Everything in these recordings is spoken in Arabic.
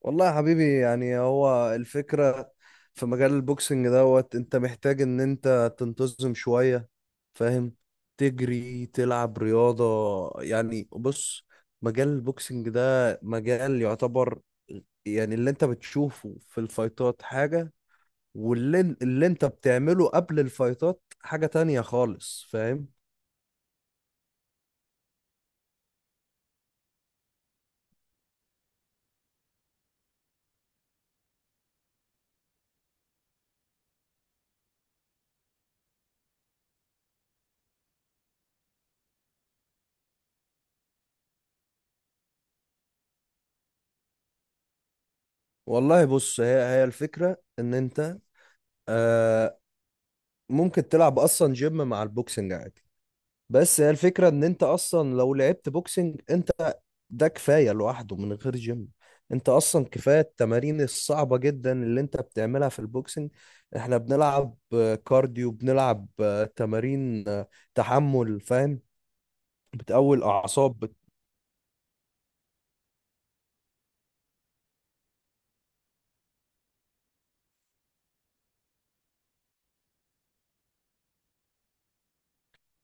والله يا حبيبي، يعني هو الفكرة في مجال البوكسنج دوت. انت محتاج ان انت تنتظم شوية. فاهم؟ تجري، تلعب رياضة. يعني بص، مجال البوكسنج ده مجال يعتبر، يعني اللي انت بتشوفه في الفايتات حاجة، واللي انت بتعمله قبل الفايتات حاجة تانية خالص. فاهم؟ والله بص، هي هي الفكرة ان انت، آه ممكن تلعب اصلا جيم مع البوكسنج عادي. بس هي الفكرة ان انت اصلا لو لعبت بوكسنج انت، ده كفاية لوحده من غير جيم. انت اصلا كفاية التمارين الصعبة جدا اللي انت بتعملها في البوكسنج. احنا بنلعب كارديو، بنلعب تمارين، تحمل. فاهم؟ بتقوي الاعصاب.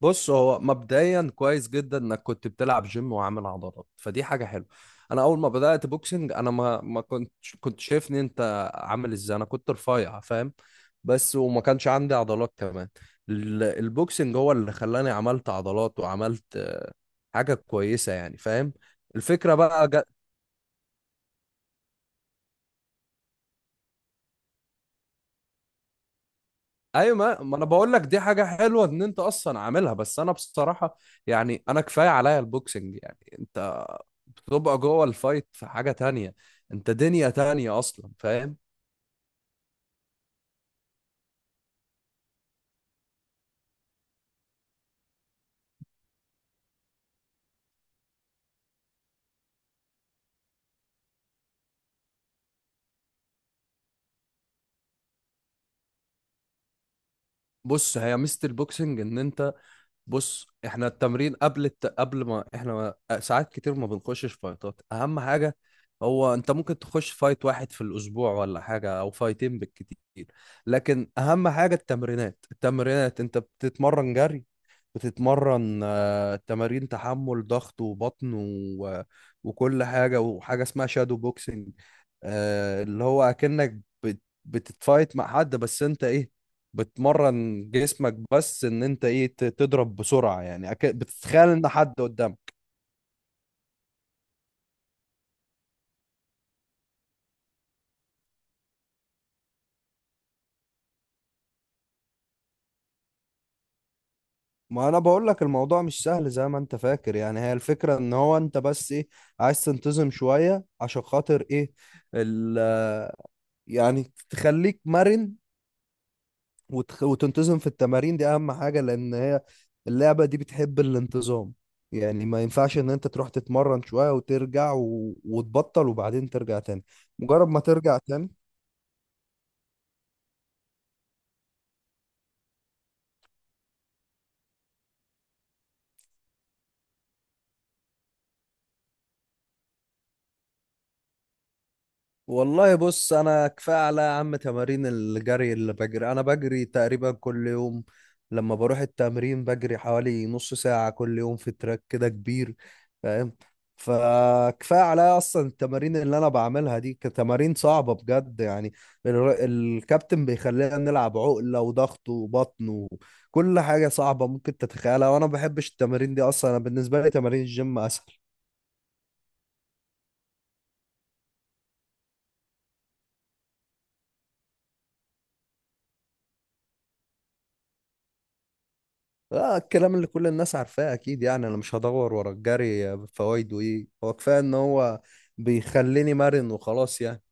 بص، هو مبدئيا كويس جدا انك كنت بتلعب جيم وعامل عضلات، فدي حاجه حلوه. انا اول ما بدات بوكسنج، انا ما ما كنت، كنت شايفني انت عامل ازاي، انا كنت رفيع. فاهم؟ بس وما كانش عندي عضلات كمان. البوكسنج هو اللي خلاني عملت عضلات وعملت حاجه كويسه يعني. فاهم؟ الفكره بقى. ايوه، ما ما انا بقول لك دي حاجه حلوه ان انت اصلا عاملها، بس انا بصراحه يعني انا كفايه عليا البوكسنج. يعني انت بتبقى جوه الفايت في حاجه تانية، انت دنيا تانية اصلا. فاهم؟ بص، هي ميزه البوكسنج ان انت، بص احنا التمرين قبل ما احنا ساعات كتير ما بنخشش فايتات. اهم حاجة هو انت ممكن تخش فايت واحد في الاسبوع ولا حاجة، او فايتين بالكتير. لكن اهم حاجة التمرينات. التمرينات انت بتتمرن جري، بتتمرن تمارين تحمل، ضغط وبطن وكل حاجة. وحاجة اسمها شادو بوكسنج، اللي هو اكنك بتتفايت مع حد، بس انت ايه، بتمرن جسمك. بس ان انت ايه، تضرب بسرعة. يعني بتتخيل ان حد قدامك. ما انا بقول لك الموضوع مش سهل زي ما انت فاكر. يعني هي الفكرة ان هو انت بس ايه، عايز تنتظم شوية عشان خاطر ايه، ال... يعني تخليك مرن وتنتظم في التمارين دي. اهم حاجة، لان هي اللعبة دي بتحب الانتظام. يعني ما ينفعش ان انت تروح تتمرن شوية وترجع وتبطل وبعدين ترجع تاني. مجرد ما ترجع تاني. والله بص، انا كفايه على يا عم تمارين الجري اللي بجري. انا بجري تقريبا كل يوم، لما بروح التمرين بجري حوالي نص ساعه كل يوم في تراك كده كبير. فاهم؟ فكفايه على اصلا التمارين اللي انا بعملها دي كتمارين صعبه بجد. يعني الكابتن بيخلينا نلعب عقله وضغط وبطن وكل حاجه صعبه ممكن تتخيلها. وانا ما بحبش التمارين دي اصلا. انا بالنسبه لي تمارين الجيم اسهل. اه، الكلام اللي كل الناس عارفاه اكيد. يعني انا مش هدور ورا الجري فوائده ايه، هو كفايه ان هو بيخليني مرن وخلاص يعني.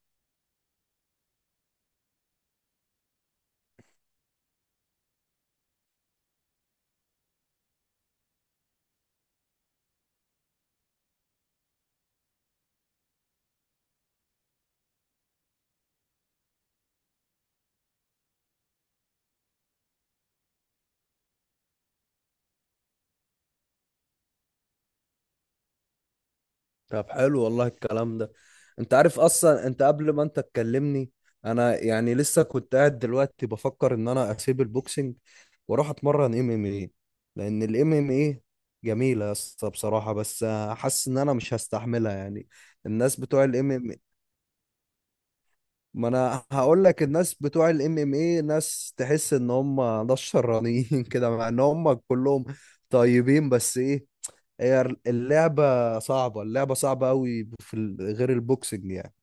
طب حلو والله الكلام ده. انت عارف، اصلا انت قبل ما انت تكلمني انا يعني لسه كنت قاعد دلوقتي بفكر ان انا اسيب البوكسنج واروح اتمرن ام ام ايه. لان الام ام ايه جميله يا اسطى بصراحه. بس حاسس ان انا مش هستحملها يعني. الناس بتوع الام، ما انا هقول لك الناس بتوع الام ام اي ناس تحس ان هم ناس شرانيين كده، مع ان هم كلهم طيبين، بس ايه، هي اللعبة صعبة. اللعبة صعبة قوي، في غير البوكسنج يعني.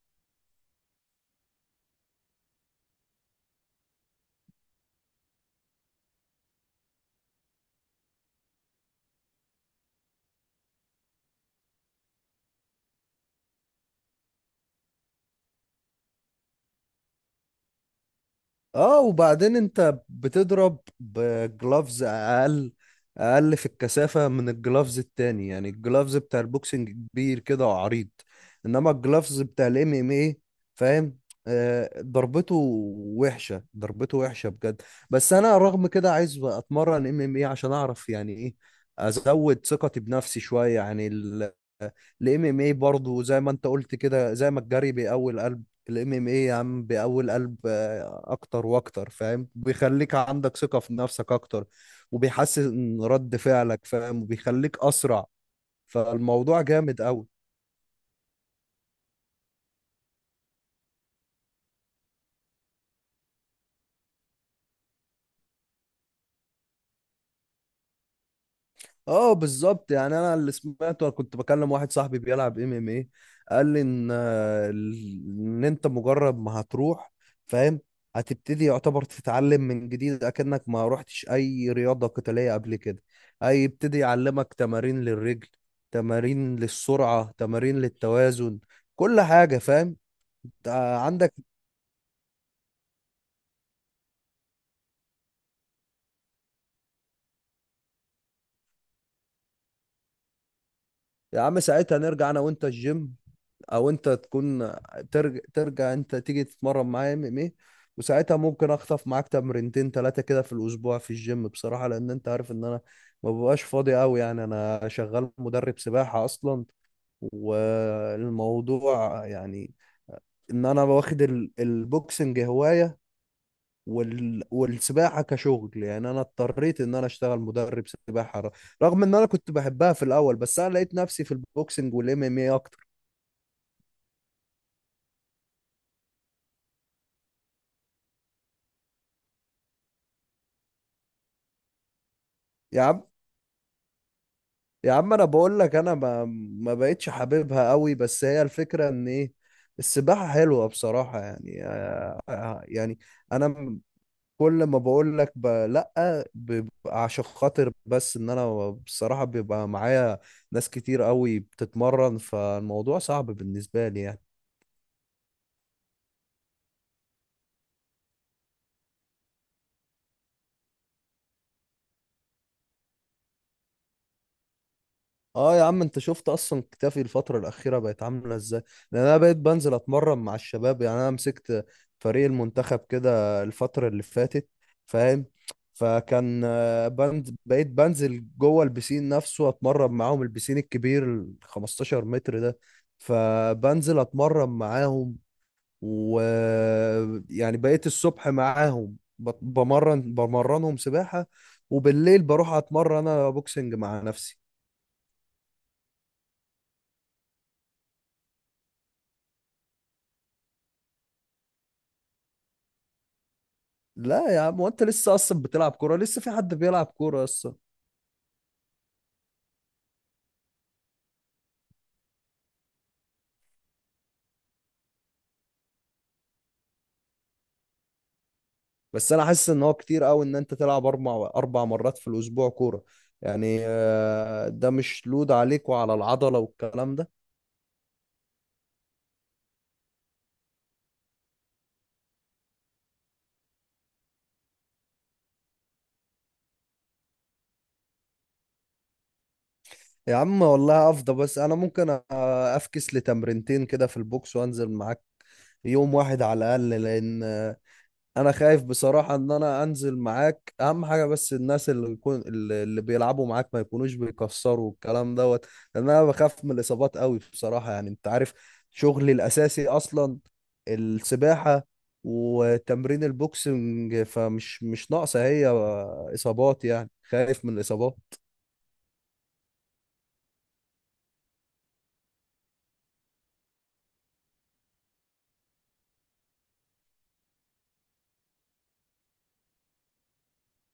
اه، وبعدين انت بتضرب بجلافز اقل، اقل في الكثافة من الجلافز التاني. يعني الجلافز بتاع البوكسنج كبير كده وعريض، انما الجلافز بتاع الام ام اي. فاهم؟ ضربته وحشة، ضربته وحشة بجد. بس انا رغم كده عايز اتمرن ام ام اي عشان اعرف يعني ايه، ازود ثقتي بنفسي شوية يعني. الام ام اي برضه زي ما انت قلت كده، زي ما الجري بيقوي القلب، الام ام ايه يا عم بأول قلب اكتر واكتر. فاهم؟ بيخليك عندك ثقة في نفسك اكتر، وبيحسن رد فعلك. فاهم؟ وبيخليك اسرع. فالموضوع جامد قوي. اه، بالظبط. يعني انا اللي سمعته، كنت بكلم واحد صاحبي بيلعب ام ام ايه، قال لي ان ان انت مجرد ما هتروح، فاهم، هتبتدي يعتبر تتعلم من جديد اكنك ما روحتش اي رياضة قتالية قبل كده. هيبتدي يعلمك تمارين للرجل، تمارين للسرعة، تمارين للتوازن، كل حاجة. فاهم؟ عندك. يا عم ساعتها نرجع انا وانت الجيم، او انت تكون ترجع, انت تيجي تتمرن معايا ام ام ايه. وساعتها ممكن اخطف معاك تمرينتين ثلاثه كده في الاسبوع في الجيم بصراحه. لان انت عارف ان انا ما ببقاش فاضي قوي يعني. انا شغال مدرب سباحه اصلا. والموضوع يعني ان انا واخد البوكسنج هواية، والسباحة كشغل. يعني انا اضطريت ان انا اشتغل مدرب سباحة، رغم ان انا كنت بحبها في الاول. بس انا لقيت نفسي في البوكسنج والام ام اي اكتر. يا عم، يا عم انا بقول لك انا ما ما بقتش حاببها قوي. بس هي الفكره ان ايه، السباحه حلوه بصراحه يعني. يعني انا كل ما بقول لك لا، بيبقى عشان خاطر بس ان انا بصراحه بيبقى معايا ناس كتير قوي بتتمرن، فالموضوع صعب بالنسبه لي يعني. اه يا عم، انت شفت اصلا كتافي الفترة الأخيرة بقت عاملة ازاي؟ لأن انا بقيت بنزل اتمرن مع الشباب. يعني انا مسكت فريق المنتخب كده الفترة اللي فاتت. فاهم؟ فكان بقيت بنزل جوه البسين نفسه اتمرن معاهم. البسين الكبير ال 15 متر ده، فبنزل اتمرن معاهم و، يعني بقيت الصبح معاهم بمرنهم سباحة. وبالليل بروح اتمرن انا بوكسنج مع نفسي. لا يا عم، وانت لسه اصلا بتلعب كوره؟ لسه في حد بيلعب كوره اصلا؟ بس انا حاسس ان هو كتير قوي ان انت تلعب اربع اربع مرات في الاسبوع كوره. يعني ده مش لود عليك وعلى العضله والكلام ده. يا عم والله افضل. بس انا ممكن افكس لتمرينتين كده في البوكس وانزل معاك يوم واحد على الاقل. لان انا خايف بصراحة ان انا انزل معاك اهم حاجة، بس الناس اللي يكون اللي بيلعبوا معاك ما يكونوش بيكسروا الكلام دوت. لان انا بخاف من الاصابات قوي بصراحة. يعني انت عارف شغلي الاساسي اصلا السباحة وتمرين البوكسنج، فمش مش ناقصة هي اصابات. يعني خايف من الاصابات.